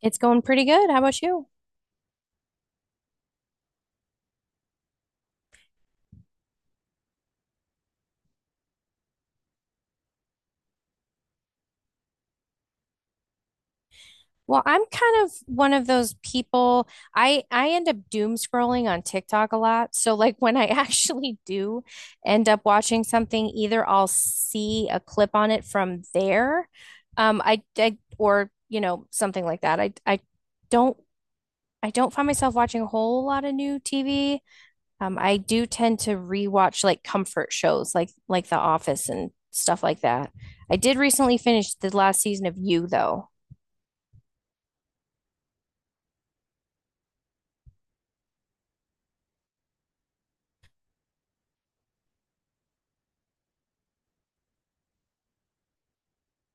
It's going pretty good. How about you? Well, I'm kind of one of those people. I end up doom scrolling on TikTok a lot. So like when I actually do end up watching something, either I'll see a clip on it from there, I or you know something like that. Don't I don't find myself watching a whole lot of new TV. I do tend to rewatch like comfort shows like The Office and stuff like that. I did recently finish the last season of You though.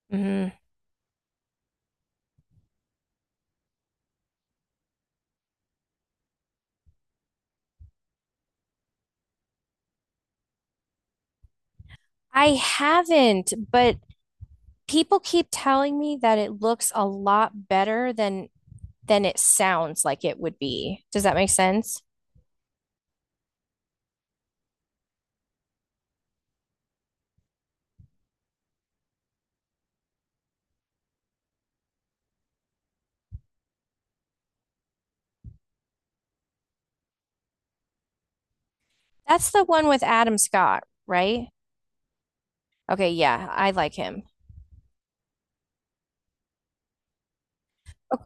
Mhm. I haven't, but people keep telling me that it looks a lot better than it sounds like it would be. Does that make sense? That's the one with Adam Scott, right? Okay, yeah, I like him. O-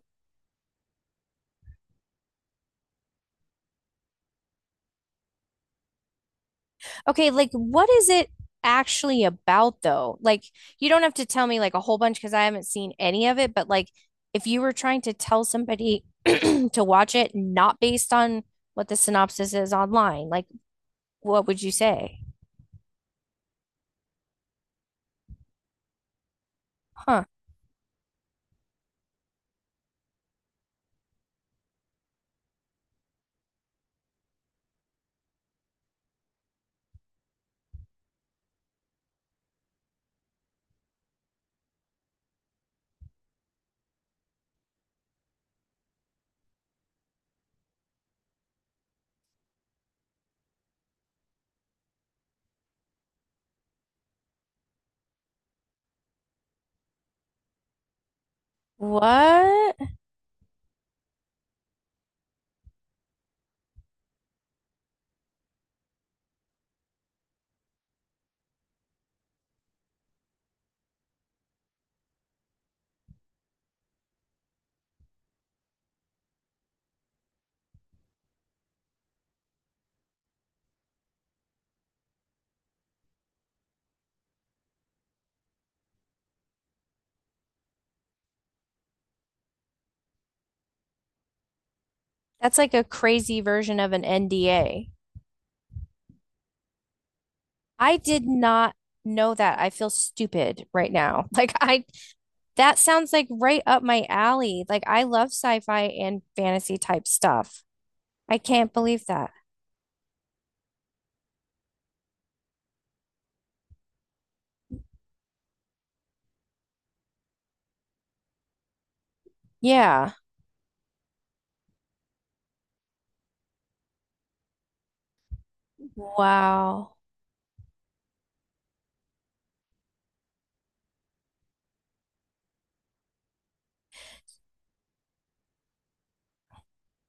Okay, like what is it actually about though? Like you don't have to tell me like a whole bunch because I haven't seen any of it, but like if you were trying to tell somebody to watch it not based on what the synopsis is online, like what would you say? Huh. What? That's like a crazy version of an NDA. I did not know that. I feel stupid right now. Like I That sounds like right up my alley. Like I love sci-fi and fantasy type stuff. I can't believe that. Yeah. Wow.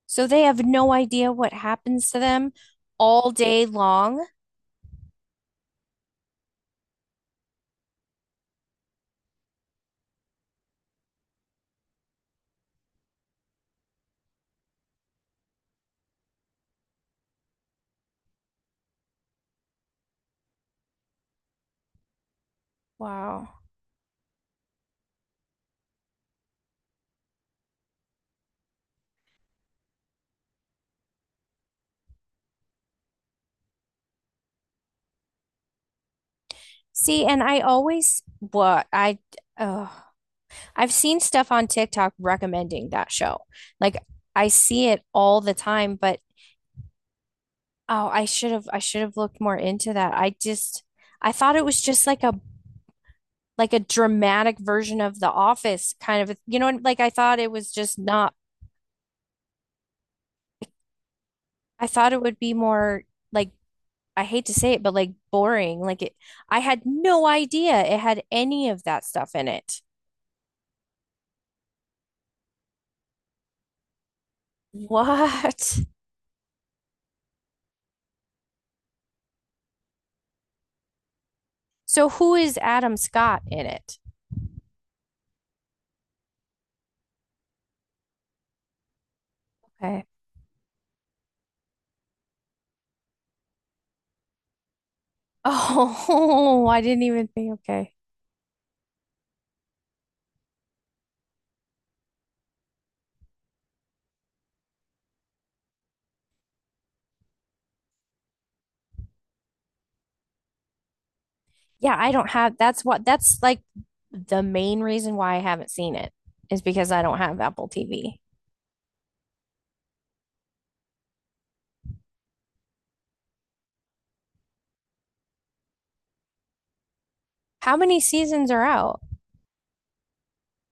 So they have no idea what happens to them all day long. Wow. See, and I always what I Oh, I've seen stuff on TikTok recommending that show. Like I see it all the time, but oh, I should have looked more into that. I thought it was just like a dramatic version of The Office kind of, you know, like I thought it was just not I thought it would be more like I hate to say it, but like boring. Like it I had no idea it had any of that stuff in it. What? So who is Adam Scott in it? Okay. Oh, I didn't even think. Okay. Yeah, I don't have that's like the main reason why I haven't seen it is because I don't have Apple TV. How many seasons are out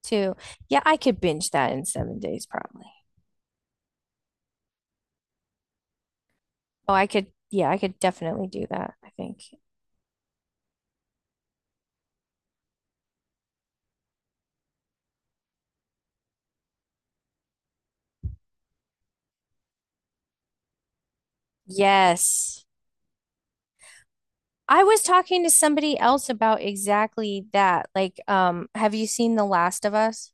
too? Yeah, I could binge that in 7 days probably. Oh, I could, yeah, I could definitely do that, I think. Yes. I was talking to somebody else about exactly that. Like, have you seen The Last of Us?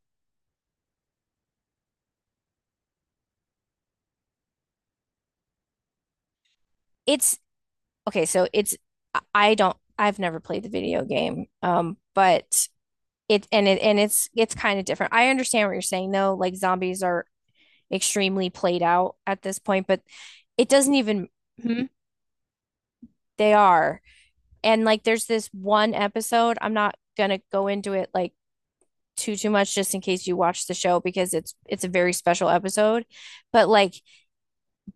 It's okay, so it's I don't I've never played the video game. But it and it and it's kind of different. I understand what you're saying though. Like zombies are extremely played out at this point, but it doesn't even hmm, they are. And like there's this one episode, I'm not gonna go into it like too much just in case you watch the show because it's a very special episode. But like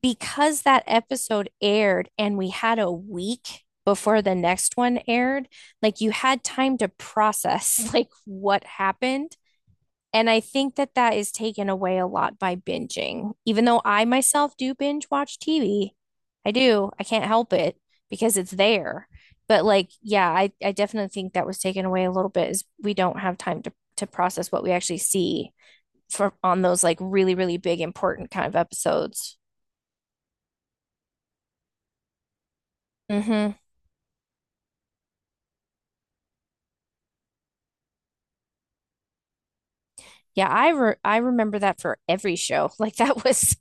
because that episode aired and we had a week before the next one aired, like you had time to process like what happened. And I think that that is taken away a lot by binging. Even though I myself do binge watch TV, I do. I can't help it because it's there. But like, yeah, I definitely think that was taken away a little bit is we don't have time to, process what we actually see for on those like really, really big important kind of episodes. Hmm. Yeah, I remember that for every show. Like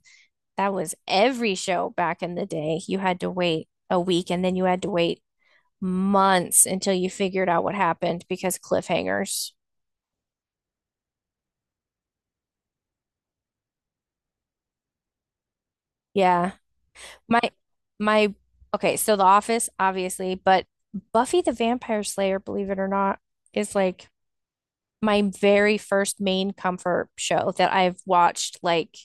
that was every show back in the day. You had to wait a week and then you had to wait months until you figured out what happened because cliffhangers. Yeah. My my okay, so The Office, obviously, but Buffy the Vampire Slayer, believe it or not, is like my very first main comfort show that I've watched. Like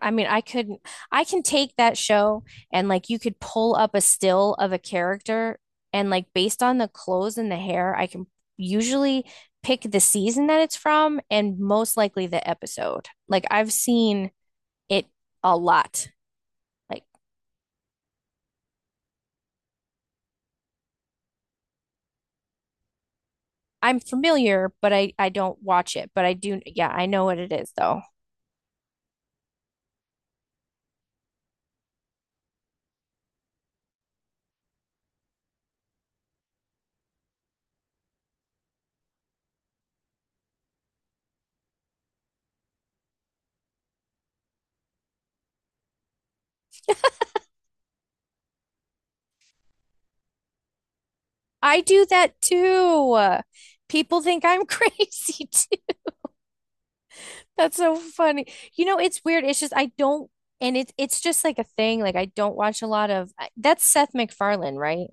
I mean, I could not I can take that show, and like you could pull up a still of a character, and like based on the clothes and the hair, I can usually pick the season that it's from and most likely the episode. Like I've seen it a lot. Like I'm familiar, but I don't watch it, but I do, yeah, I know what it is though. I do that too. People think I'm crazy too. That's so funny. You know, it's weird. It's just like a thing. Like I don't watch a lot of that's Seth MacFarlane, right?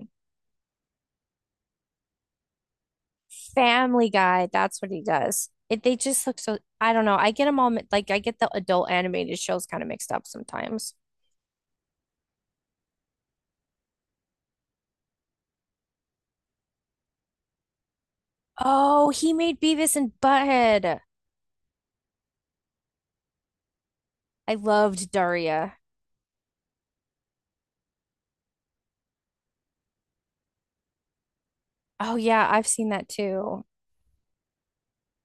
Family Guy. That's what he does. It, they just look so. I don't know. I get them all like I get the adult animated shows kind of mixed up sometimes. Oh, he made Beavis and Butthead. I loved Daria. Oh yeah, I've seen that too.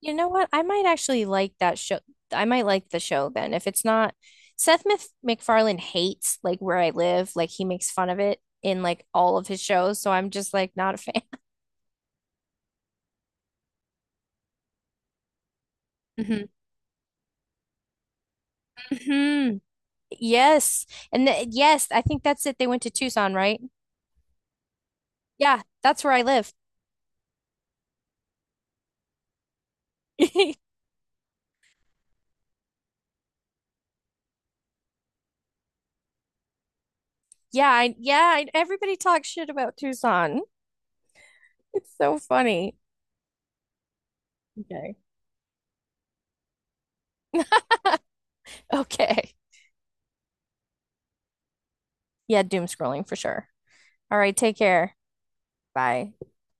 You know what? I might actually like that show. I might like the show then. If it's not MacFarlane hates like where I live, like he makes fun of it in like all of his shows, so I'm just like not a fan. Mm-hmm. Hmm. Yes. And the, yes, I think that's it. They went to Tucson, right? Yeah, that's where I live. Yeah, everybody talks shit about Tucson. It's so funny. Okay. Okay. Yeah, doom scrolling for sure. All right, take care. Bye.